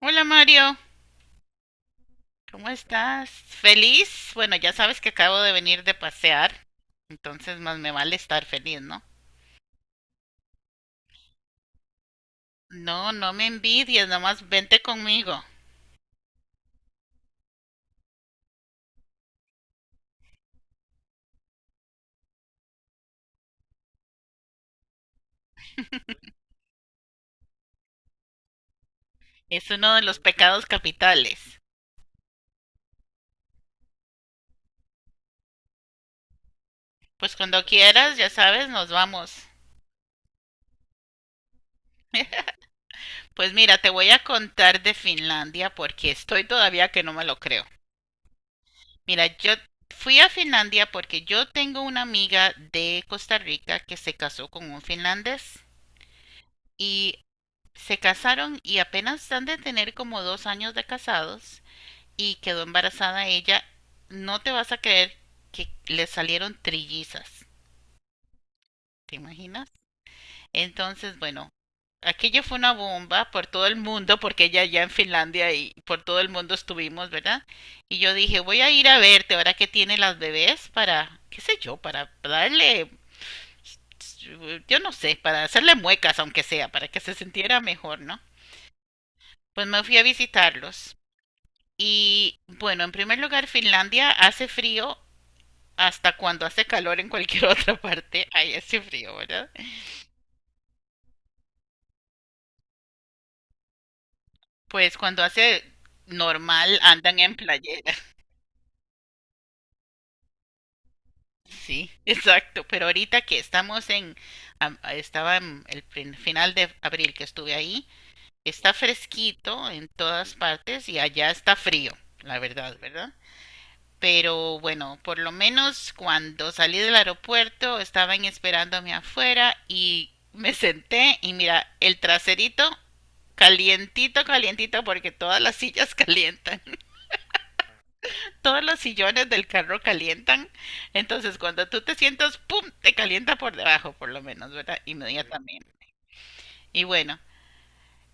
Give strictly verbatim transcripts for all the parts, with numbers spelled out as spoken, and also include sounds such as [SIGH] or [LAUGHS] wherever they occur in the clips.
Hola Mario, ¿cómo estás? ¿Feliz? Bueno, ya sabes que acabo de venir de pasear, entonces más me vale estar feliz, ¿no? No, no me envidies, nomás vente conmigo. Es uno de los pecados capitales. Pues cuando quieras, ya sabes, nos vamos. Pues mira, te voy a contar de Finlandia porque estoy todavía que no me lo creo. Mira, yo fui a Finlandia porque yo tengo una amiga de Costa Rica que se casó con un finlandés y se casaron y apenas han de tener como dos años de casados y quedó embarazada ella. No te vas a creer que le salieron trillizas. ¿Te imaginas? Entonces, bueno, aquello fue una bomba por todo el mundo, porque ella ya en Finlandia y por todo el mundo estuvimos, ¿verdad? Y yo dije, voy a ir a verte ahora que tiene las bebés para, qué sé yo, para darle, yo no sé, para hacerle muecas, aunque sea, para que se sintiera mejor, ¿no? Pues me fui a visitarlos. Y bueno, en primer lugar, Finlandia hace frío hasta cuando hace calor en cualquier [LAUGHS] otra parte. Ahí hace frío, ¿verdad? Pues cuando hace normal andan en playera. [LAUGHS] Sí, exacto. Pero ahorita que estamos en, am- estaba en el prin- final de abril que estuve ahí, está fresquito en todas partes y allá está frío, la verdad, ¿verdad? Pero bueno, por lo menos cuando salí del aeropuerto estaban esperándome afuera y me senté y mira, el traserito calientito, calientito, porque todas las sillas calientan, [LAUGHS] todos los sillones del carro calientan, entonces cuando tú te sientas, ¡pum!, te calienta por debajo, por lo menos, ¿verdad? Inmediatamente. Y bueno,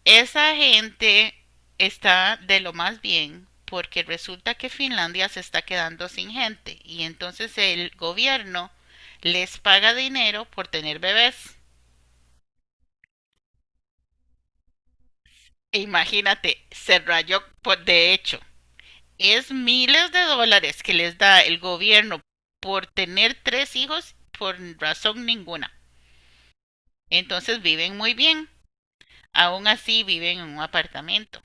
esa gente está de lo más bien porque resulta que Finlandia se está quedando sin gente y entonces el gobierno les paga dinero por tener bebés. E imagínate, se rayó por, de hecho. Es miles de dólares que les da el gobierno por tener tres hijos por razón ninguna. Entonces viven muy bien. Aún así viven en un apartamento.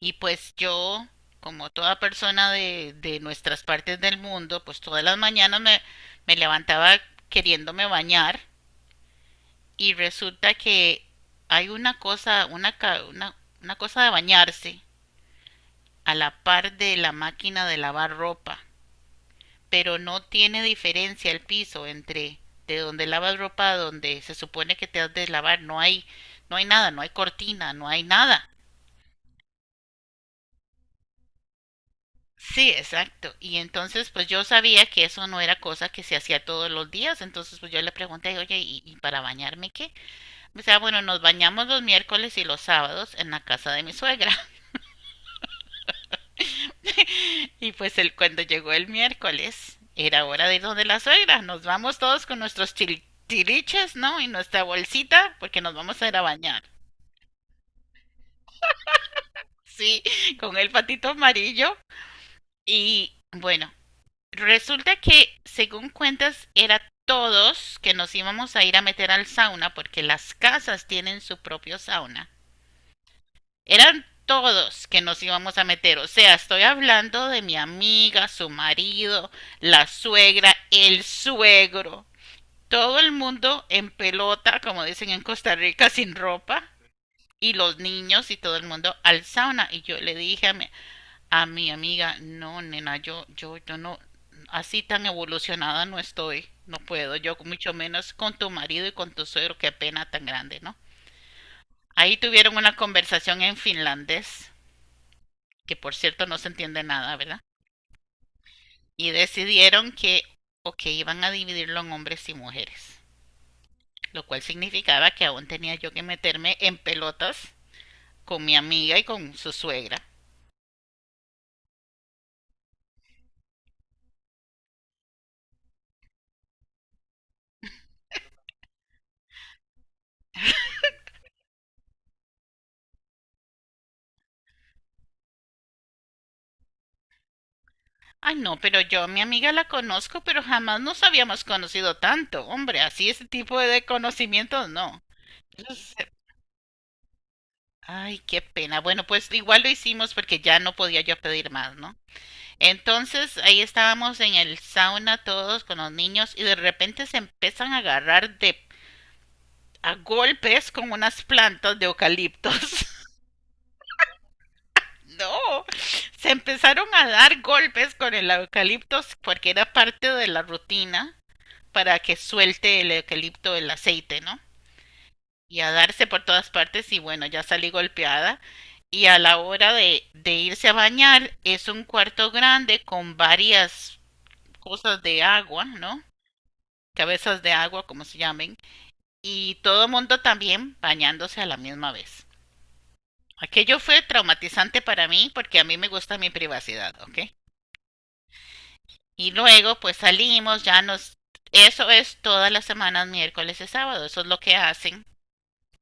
Y pues yo, como toda persona de, de nuestras partes del mundo, pues todas las mañanas me, me levantaba queriéndome bañar y resulta que hay una cosa, una, ca- una, una cosa de bañarse a la par de la máquina de lavar ropa, pero no tiene diferencia el piso entre de donde lavas ropa a donde se supone que te has de lavar, no hay, no hay nada, no hay cortina, no hay nada. Sí, exacto. Y entonces, pues yo sabía que eso no era cosa que se hacía todos los días. Entonces, pues yo le pregunté, oye, ¿y, y para bañarme qué? O sea, bueno, nos bañamos los miércoles y los sábados en la casa de mi suegra. [LAUGHS] Y pues él, cuando llegó el miércoles, era hora de ir donde la suegra. Nos vamos todos con nuestros chil- tiliches, ¿no? Y nuestra bolsita, porque nos vamos a ir a bañar. Sí, [LAUGHS] con el patito amarillo. Y bueno, resulta que, según cuentas, era todos que nos íbamos a ir a meter al sauna porque las casas tienen su propio sauna. Eran todos que nos íbamos a meter. O sea, estoy hablando de mi amiga, su marido, la suegra, el suegro. Todo el mundo en pelota, como dicen en Costa Rica, sin ropa. Y los niños y todo el mundo al sauna. Y yo le dije a mi a mi amiga, no, nena, yo, yo, yo no, así tan evolucionada no estoy, no puedo, yo mucho menos con tu marido y con tu suegro, qué pena tan grande, ¿no? Ahí tuvieron una conversación en finlandés, que por cierto no se entiende nada, ¿verdad? Y decidieron que, o que iban a dividirlo en hombres y mujeres, lo cual significaba que aún tenía yo que meterme en pelotas con mi amiga y con su suegra. Ay, no, pero yo a mi amiga la conozco, pero jamás nos habíamos conocido tanto. Hombre, así ese tipo de conocimientos no. Eso es- Ay, qué pena. Bueno, pues igual lo hicimos porque ya no podía yo pedir más, ¿no? Entonces ahí estábamos en el sauna todos con los niños y de repente se empiezan a agarrar de a golpes con unas plantas de eucaliptos. [LAUGHS] No, se empezaron a dar golpes con el eucaliptos porque era parte de la rutina para que suelte el eucalipto el aceite, ¿no? Y a darse por todas partes y bueno, ya salí golpeada. Y a la hora de, de irse a bañar es un cuarto grande con varias cosas de agua, ¿no? Cabezas de agua, como se llamen. Y todo mundo también bañándose a la misma vez. Aquello fue traumatizante para mí porque a mí me gusta mi privacidad, ¿ok? Y luego pues salimos, ya nos... Eso es todas las semanas, miércoles y sábado. Eso es lo que hacen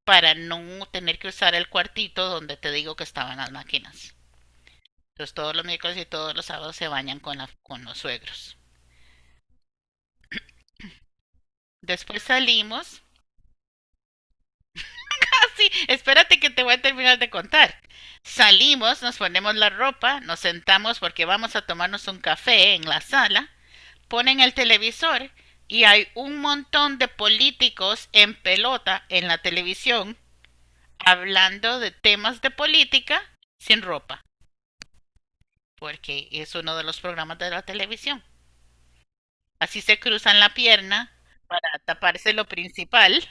para no tener que usar el cuartito donde te digo que estaban las máquinas. Entonces todos los miércoles y todos los sábados se bañan con, la, con los suegros. Después salimos. [LAUGHS] Ah, sí, espérate que te voy a terminar de contar. Salimos, nos ponemos la ropa, nos sentamos porque vamos a tomarnos un café en la sala, ponen el televisor y hay un montón de políticos en pelota en la televisión hablando de temas de política sin ropa. Porque es uno de los programas de la televisión. Así se cruzan la pierna para taparse lo principal.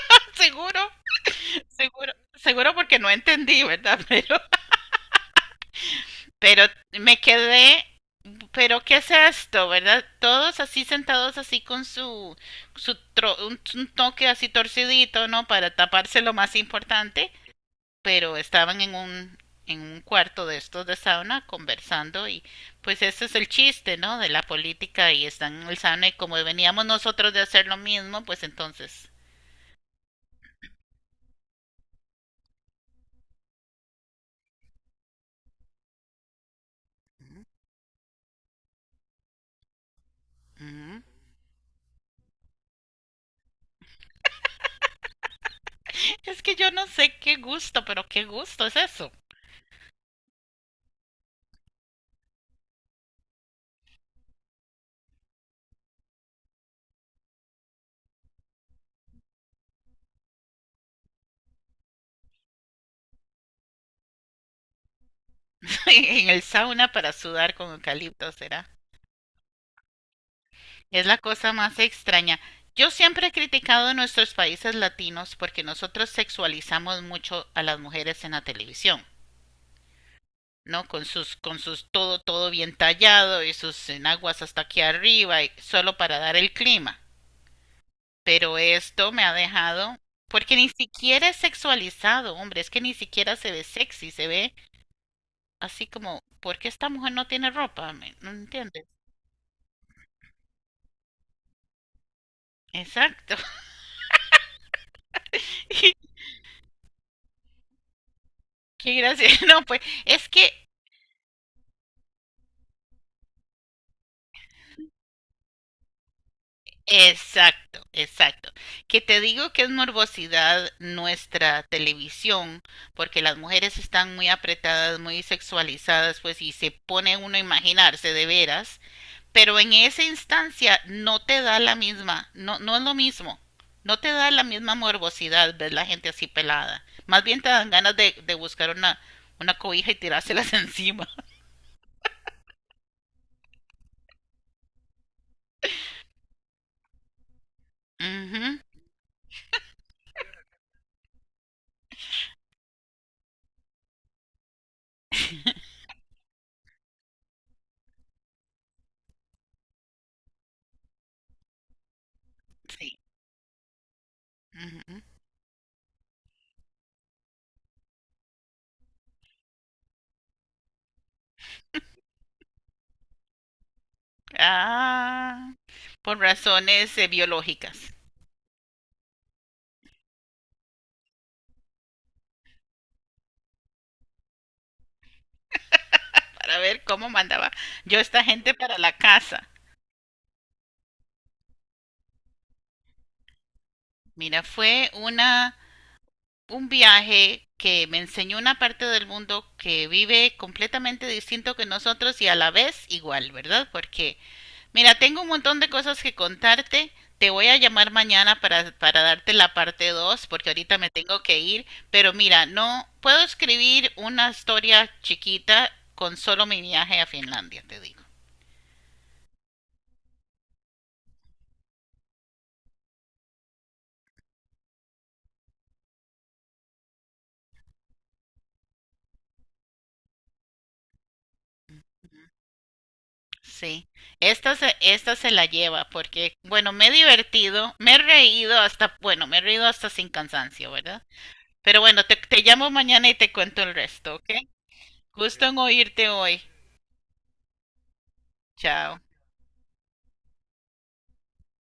[LAUGHS] Seguro, seguro, seguro porque no entendí, ¿verdad? [LAUGHS] Pero, pero me quedé, pero ¿qué es esto, verdad? Todos así sentados así con su, su tro, un, un toque así torcidito, ¿no? Para taparse lo más importante. Pero estaban en un, en un cuarto de estos de sauna conversando y pues ese es el chiste, ¿no? De la política y están en el sauna y como veníamos nosotros de hacer lo mismo, pues entonces... Mm, es que yo no sé qué gusto, pero qué gusto es eso. [LAUGHS] En el sauna para sudar con eucalipto, será. Es la cosa más extraña. Yo siempre he criticado a nuestros países latinos porque nosotros sexualizamos mucho a las mujeres en la televisión. ¿No? Con sus, con sus todo, todo bien tallado y sus enaguas hasta aquí arriba, y solo para dar el clima. Pero esto me ha dejado, porque ni siquiera es sexualizado, hombre, es que ni siquiera se ve sexy, se ve así como, ¿por qué esta mujer no tiene ropa? ¿Me- ¿No entiendes? Exacto. [LAUGHS] Qué gracia. No, pues es que exacto, exacto. Que te digo que es morbosidad nuestra televisión, porque las mujeres están muy apretadas, muy sexualizadas, pues y se pone uno a imaginarse de veras, pero en esa instancia no te da la misma, no, no es lo mismo, no te da la misma morbosidad ver la gente así pelada. Más bien te dan ganas de, de buscar una, una cobija y tirárselas [LAUGHS] encima. Ujú, sí. Ujú. Ah, por razones eh, biológicas. Para ver cómo mandaba yo a esta gente para la casa. Mira, fue una un viaje que me enseñó una parte del mundo que vive completamente distinto que nosotros y a la vez igual, ¿verdad? Porque, mira, tengo un montón de cosas que contarte. Te voy a llamar mañana para, para darte la parte dos, porque ahorita me tengo que ir. Pero mira, no puedo escribir una historia chiquita con solo mi viaje a Finlandia, te digo. Sí, esta se, esta se la lleva porque, bueno, me he divertido, me he reído hasta, bueno, me he reído hasta sin cansancio, ¿verdad? Pero bueno, te, te llamo mañana y te cuento el resto, ¿ok? Gusto en oírte hoy. Chao.